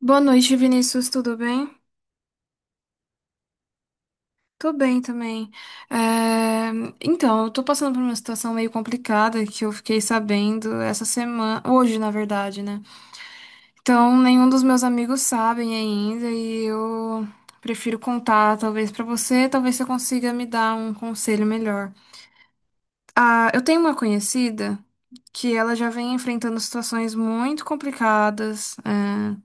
Boa noite, Vinícius, tudo bem? Tô bem também. É, Então, eu tô passando por uma situação meio complicada que eu fiquei sabendo essa semana, hoje, na verdade, né? Então, nenhum dos meus amigos sabem ainda e eu prefiro contar, talvez pra você, talvez você consiga me dar um conselho melhor. Eu tenho uma conhecida que ela já vem enfrentando situações muito complicadas.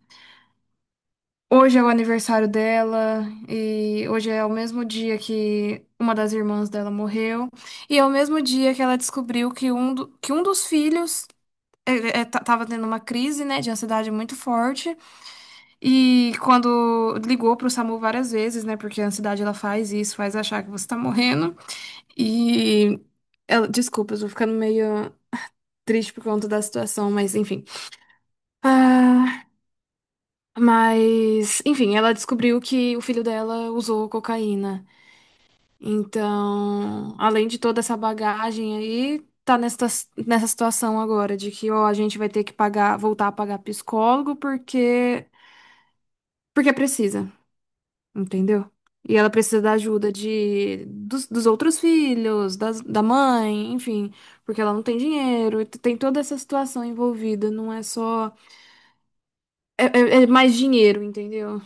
Hoje é o aniversário dela e hoje é o mesmo dia que uma das irmãs dela morreu e é o mesmo dia que ela descobriu que que um dos filhos tava tendo uma crise, né, de ansiedade muito forte e quando ligou pro SAMU várias vezes, né, porque a ansiedade ela faz isso, faz achar que você tá morrendo e ela, desculpa, eu tô ficando meio triste por conta da situação, mas enfim. Ah, Mas, enfim, ela descobriu que o filho dela usou cocaína. Então, além de toda essa bagagem aí, tá nessa situação agora de que ó, a gente vai ter que pagar, voltar a pagar psicólogo porque precisa, entendeu? E ela precisa da ajuda dos outros filhos, da mãe, enfim, porque ela não tem dinheiro, e tem toda essa situação envolvida, não é só é mais dinheiro, entendeu?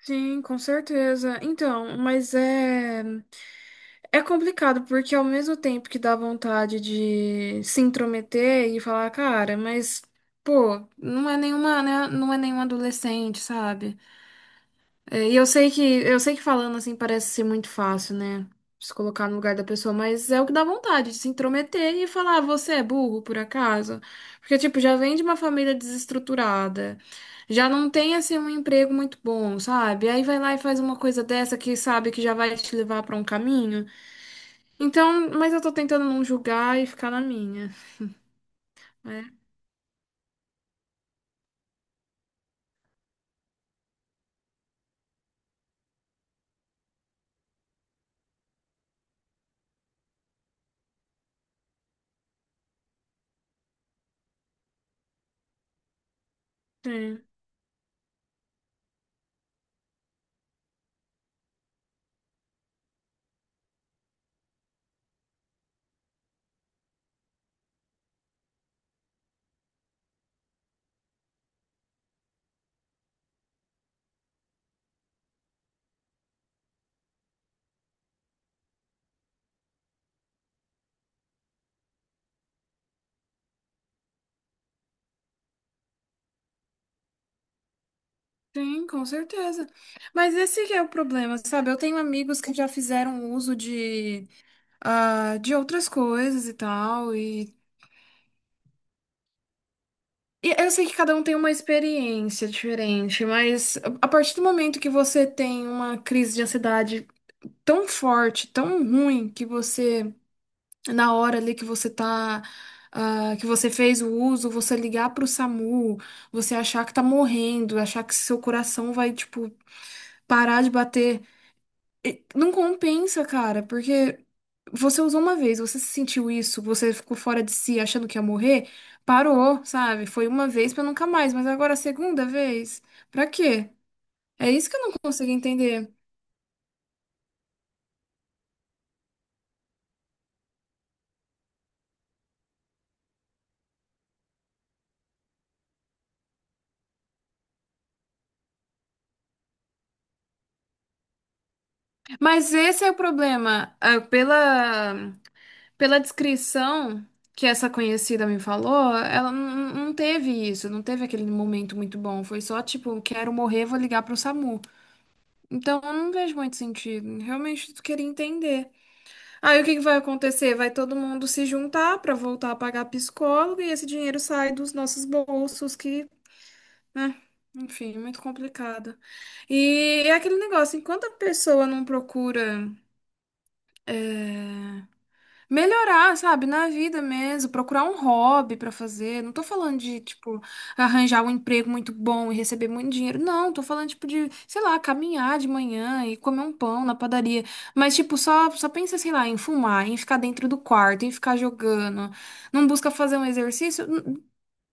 Sim, com certeza. Então, mas é complicado porque ao mesmo tempo que dá vontade de se intrometer e falar, cara, mas pô, não é nenhuma, né, não é nenhum adolescente, sabe? E eu sei que falando assim parece ser muito fácil, né? Se colocar no lugar da pessoa, mas é o que dá vontade de se intrometer e falar, "Ah, você é burro, por acaso? Porque, tipo, já vem de uma família desestruturada, já não tem assim um emprego muito bom, sabe? Aí vai lá e faz uma coisa dessa que sabe que já vai te levar pra um caminho. Então, mas eu tô tentando não julgar e ficar na minha, né? Sim, sim, com certeza. Mas esse que é o problema, sabe? Eu tenho amigos que já fizeram uso de de outras coisas e tal. E eu sei que cada um tem uma experiência diferente, mas a partir do momento que você tem uma crise de ansiedade tão forte, tão ruim, que na hora ali que você tá. Que você fez o uso, você ligar pro SAMU, você achar que tá morrendo, achar que seu coração vai, tipo, parar de bater. E não compensa, cara, porque você usou uma vez, você sentiu isso, você ficou fora de si achando que ia morrer, parou, sabe? Foi uma vez pra nunca mais, mas agora a segunda vez, pra quê? É isso que eu não consigo entender. Mas esse é o problema. Pela descrição que essa conhecida me falou, ela não teve isso, não teve aquele momento muito bom. Foi só tipo, quero morrer, vou ligar pro SAMU. Então eu não vejo muito sentido. Realmente eu queria entender. Aí o que que vai acontecer? Vai todo mundo se juntar para voltar a pagar psicólogo e esse dinheiro sai dos nossos bolsos, que, né? Enfim, é muito complicado. E é aquele negócio, enquanto a pessoa não procura. Melhorar, sabe, na vida mesmo, procurar um hobby pra fazer. Não tô falando de, tipo, arranjar um emprego muito bom e receber muito dinheiro. Não, tô falando, tipo, de, sei lá, caminhar de manhã e comer um pão na padaria. Mas, tipo, só pensa, sei lá, em fumar, em ficar dentro do quarto, em ficar jogando. Não busca fazer um exercício.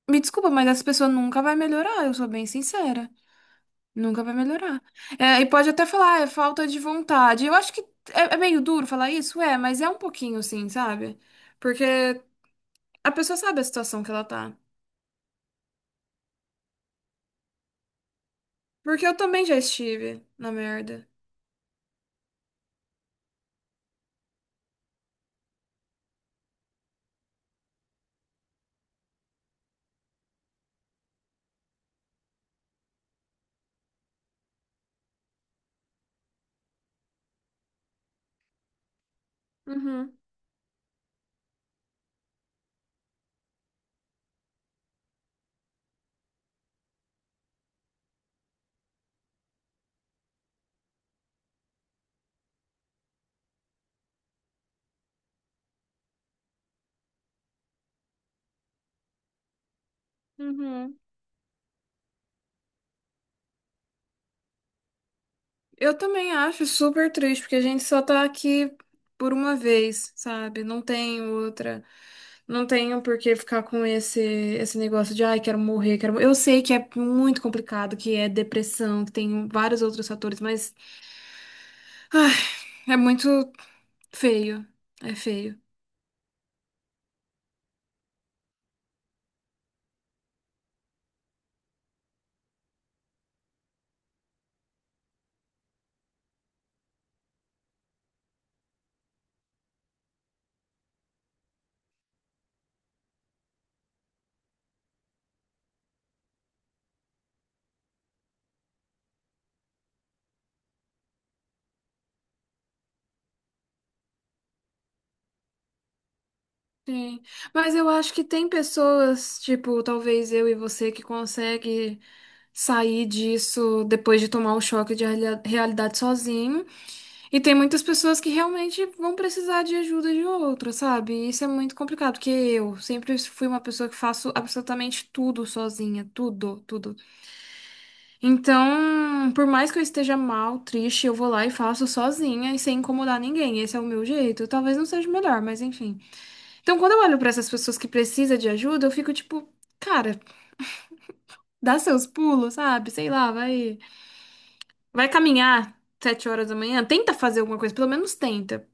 Me desculpa, mas essa pessoa nunca vai melhorar, eu sou bem sincera. Nunca vai melhorar. É, e pode até falar, "Ah, é falta de vontade. Eu acho que é meio duro falar isso, mas é um pouquinho sim, sabe? Porque a pessoa sabe a situação que ela tá. Porque eu também já estive na merda. Uhum, uhum. Eu também acho super triste, porque a gente só tá aqui por uma vez, sabe? Não tem outra. Não tenho por que ficar com esse negócio de, ai, quero morrer, quero morrer. Eu sei que é muito complicado, que é depressão, que tem vários outros fatores, mas. É muito feio. É feio. Sim. Mas eu acho que tem pessoas, tipo, talvez eu e você, que consegue sair disso depois de tomar o choque de realidade sozinho. E tem muitas pessoas que realmente vão precisar de ajuda de outra, sabe? E isso é muito complicado, porque eu sempre fui uma pessoa que faço absolutamente tudo sozinha, tudo. Então, por mais que eu esteja mal, triste, eu vou lá e faço sozinha e sem incomodar ninguém. Esse é o meu jeito. Talvez não seja o melhor, mas enfim. Então, quando eu olho pra essas pessoas que precisam de ajuda, eu fico tipo, cara, dá seus pulos, sabe? Sei lá, vai caminhar 7 horas da manhã, tenta fazer alguma coisa, pelo menos tenta.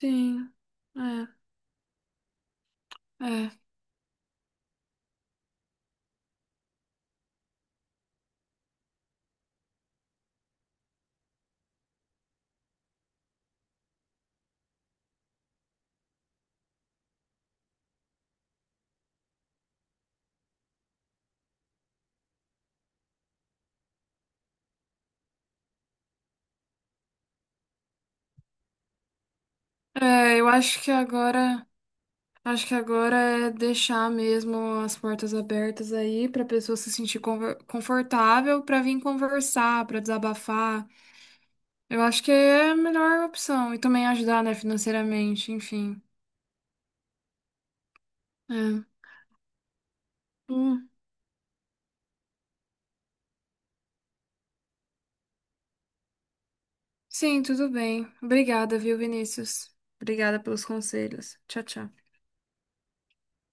Sim, é, é. É, eu acho que agora. Acho que agora é deixar mesmo as portas abertas aí para a pessoa se sentir confortável para vir conversar, para desabafar. Eu acho que é a melhor opção e também ajudar, né, financeiramente, enfim. É. Hum, sim, tudo bem. Obrigada, viu, Vinícius? Obrigada pelos conselhos. Tchau, tchau.